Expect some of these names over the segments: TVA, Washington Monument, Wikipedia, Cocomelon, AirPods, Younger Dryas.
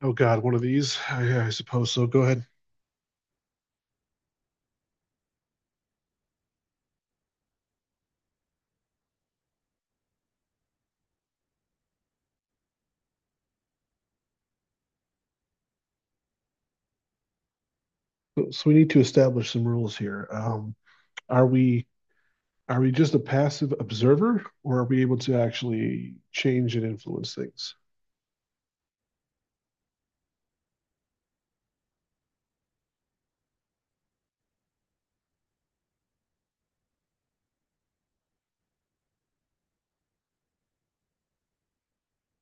Oh God, one of these. I suppose so. Go ahead. So we need to establish some rules here. Are we are we just a passive observer, or are we able to actually change and influence things?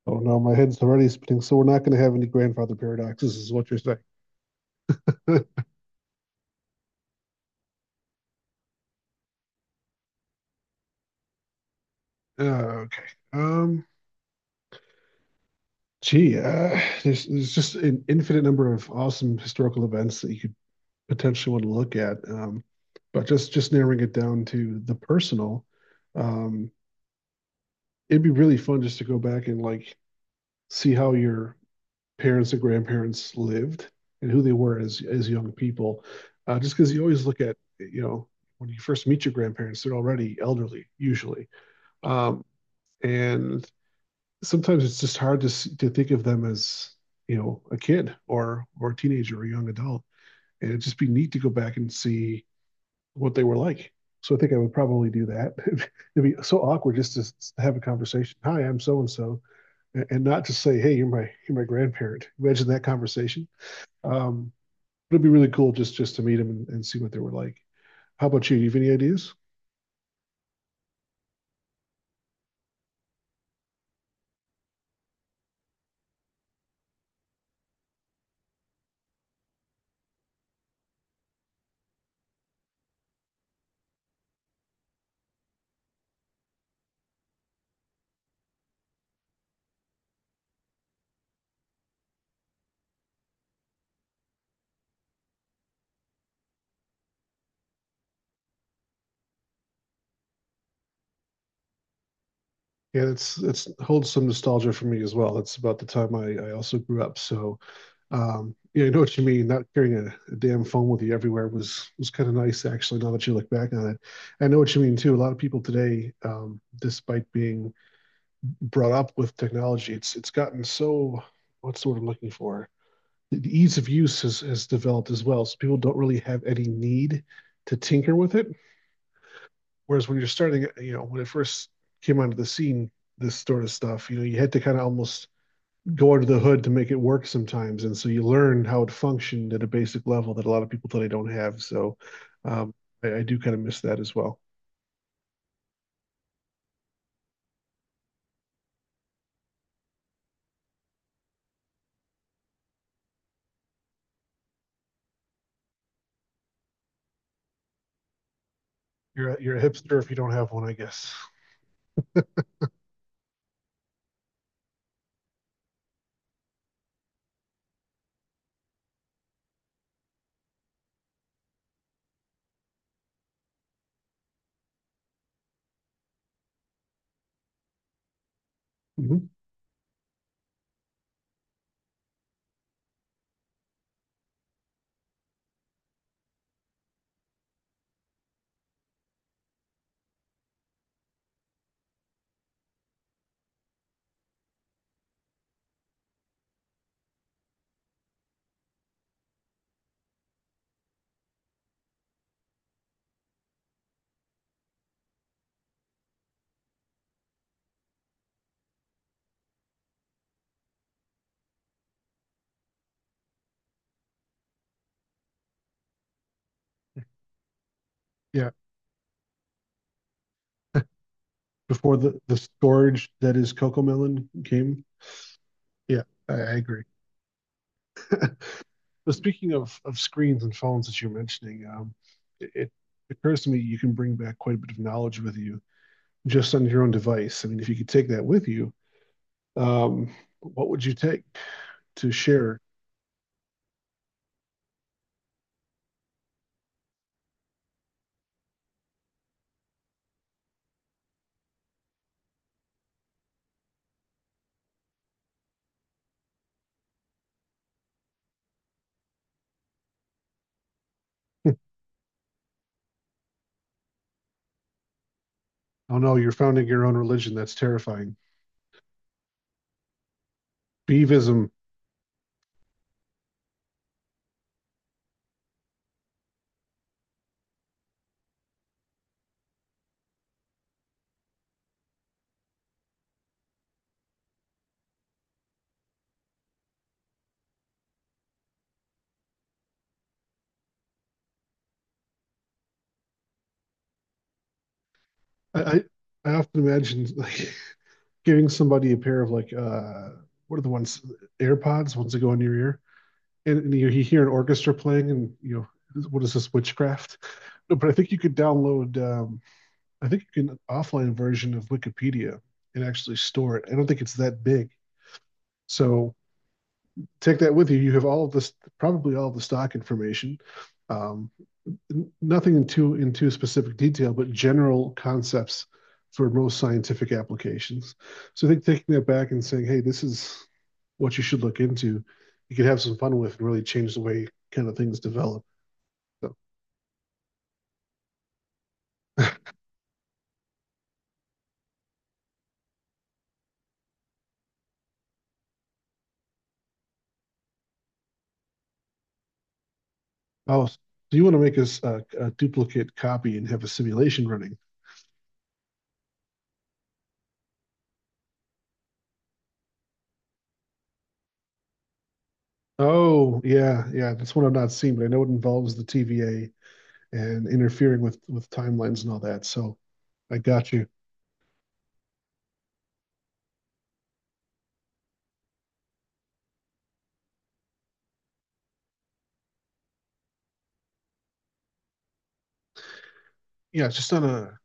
Oh no, my head's already spinning. So we're not going to have any grandfather paradoxes, is what you're saying? uh, okay. Um, there's just an infinite number of awesome historical events that you could potentially want to look at. But just narrowing it down to the personal. Um, It'd be really fun just to go back and like see how your parents and grandparents lived and who they were as young people. Just because you always look at, you know, when you first meet your grandparents, they're already elderly usually, um, and sometimes it's just hard to think of them as, you know, a kid or a teenager or a young adult, and it'd just be neat to go back and see what they were like. So I think I would probably do that. It'd be so awkward just to have a conversation. Hi, I'm so and so and, not just say, "Hey, you're my grandparent." Imagine that conversation. Um, It'd be really cool just to meet them and see what they were like. How about you? Do you have any ideas? Yeah, it's holds some nostalgia for me as well. That's about the time I also grew up. So, yeah, I know what you mean. Not carrying a damn phone with you everywhere was kind of nice actually. Now that you look back on it, I know what you mean too. A lot of people today, despite being brought up with technology, it's gotten so, what's the word I'm looking for? The ease of use has developed as well. So people don't really have any need to tinker with it. Whereas when you're starting, you know, when it first came onto the scene, this sort of stuff, you know, you had to kind of almost go under the hood to make it work sometimes. And so you learn how it functioned at a basic level that a lot of people today don't have. So um, I do kind of miss that as well. You're a hipster if you don't have one, I guess. Mhm. Yeah. Before the storage that is Cocomelon came. Yeah, I agree. But speaking of screens and phones that you're mentioning, it occurs to me you can bring back quite a bit of knowledge with you just on your own device. I mean, if you could take that with you, um, what would you take to share? oh no, you're founding your own religion. That's terrifying. Beavism. I, I, I often imagine like giving somebody a pair of like what are the ones, AirPods, ones that go in your ear, and you hear an orchestra playing, and you know, what is this witchcraft? No, but I think you could download, I think you can offline version of Wikipedia and actually store it. I don't think it's that big. So take that with you. You have all of this, probably all of the stock information. Um, nothing in too specific detail, but general concepts for most scientific applications. So I think taking that back and saying, hey, this is what you should look into. You could have some fun with and really change the way kind of things develop. So, oh, so you want to make us a duplicate copy and have a simulation running? Oh, yeah, yeah. That's one I've not seen, but I know it involves the TVA and interfering with timelines and all that. So I got you. Yeah, it's just on a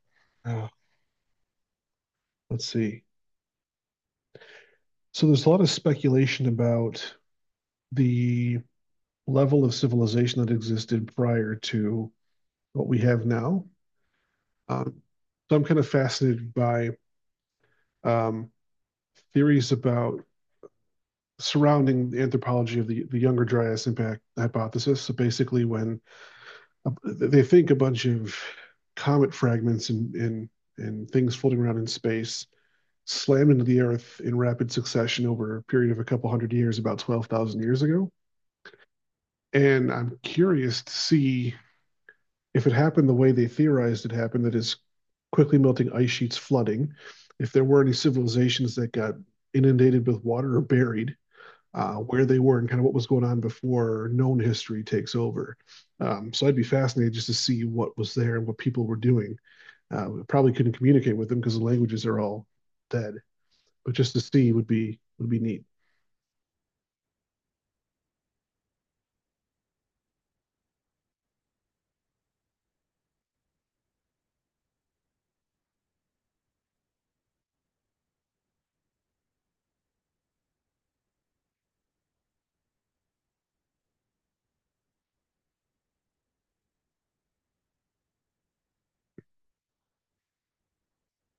uh, let's see. So there's a lot of speculation about the level of civilization that existed prior to what we have now. Um, so I'm kind of fascinated by, um, theories about surrounding the anthropology of the Younger Dryas impact hypothesis. So basically, when they think a bunch of comet fragments and, and things floating around in space slammed into the Earth in rapid succession over a period of a couple hundred years, about 12,000 years ago. And I'm curious to see if it happened the way they theorized it happened, that is, quickly melting ice sheets flooding, if there were any civilizations that got inundated with water or buried, where they were and kind of what was going on before known history takes over. So I'd be fascinated just to see what was there and what people were doing. We probably couldn't communicate with them because the languages are all dead, but just to see would be neat.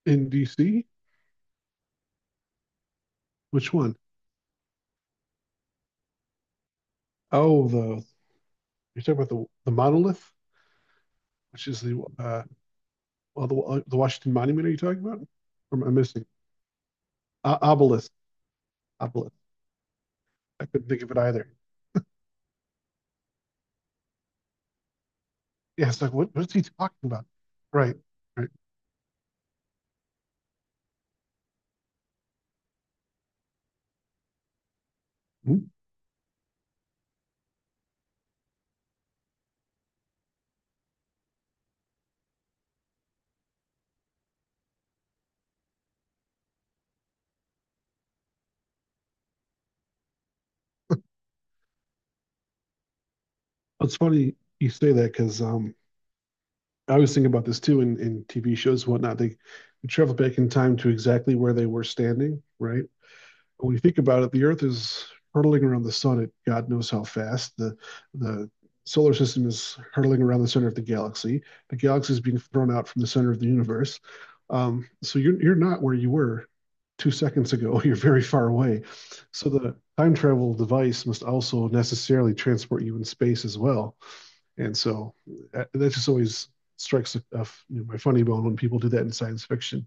In DC, which one? Oh, the you're talking about the monolith, which is the well, the Washington Monument. Are you talking about? Or am I missing obelisk? Obelisk. I couldn't think of it either. Yeah, it's like, what is he talking about? Right, right. Hmm? It's funny you say that because, I was thinking about this too in TV shows, and whatnot. They travel back in time to exactly where they were standing, right? When you think about it, the Earth is hurtling around the sun at God knows how fast. The solar system is hurtling around the center of the galaxy. The galaxy is being thrown out from the center of the universe. So you're not where you were 2 seconds ago. You're very far away. So the time travel device must also necessarily transport you in space as well. And so that just always strikes a f- you know, my funny bone when people do that in science fiction.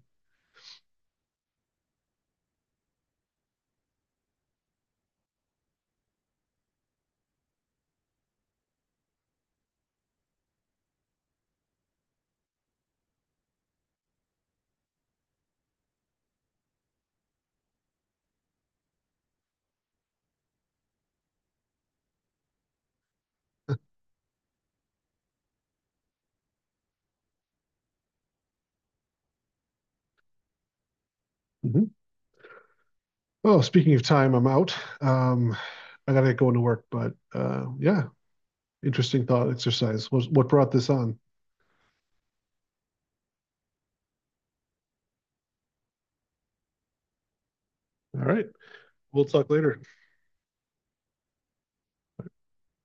Mhm. Well, speaking of time, I'm out. Um, I gotta get going to work, but yeah, interesting thought exercise. What brought this on? All right, we'll talk later.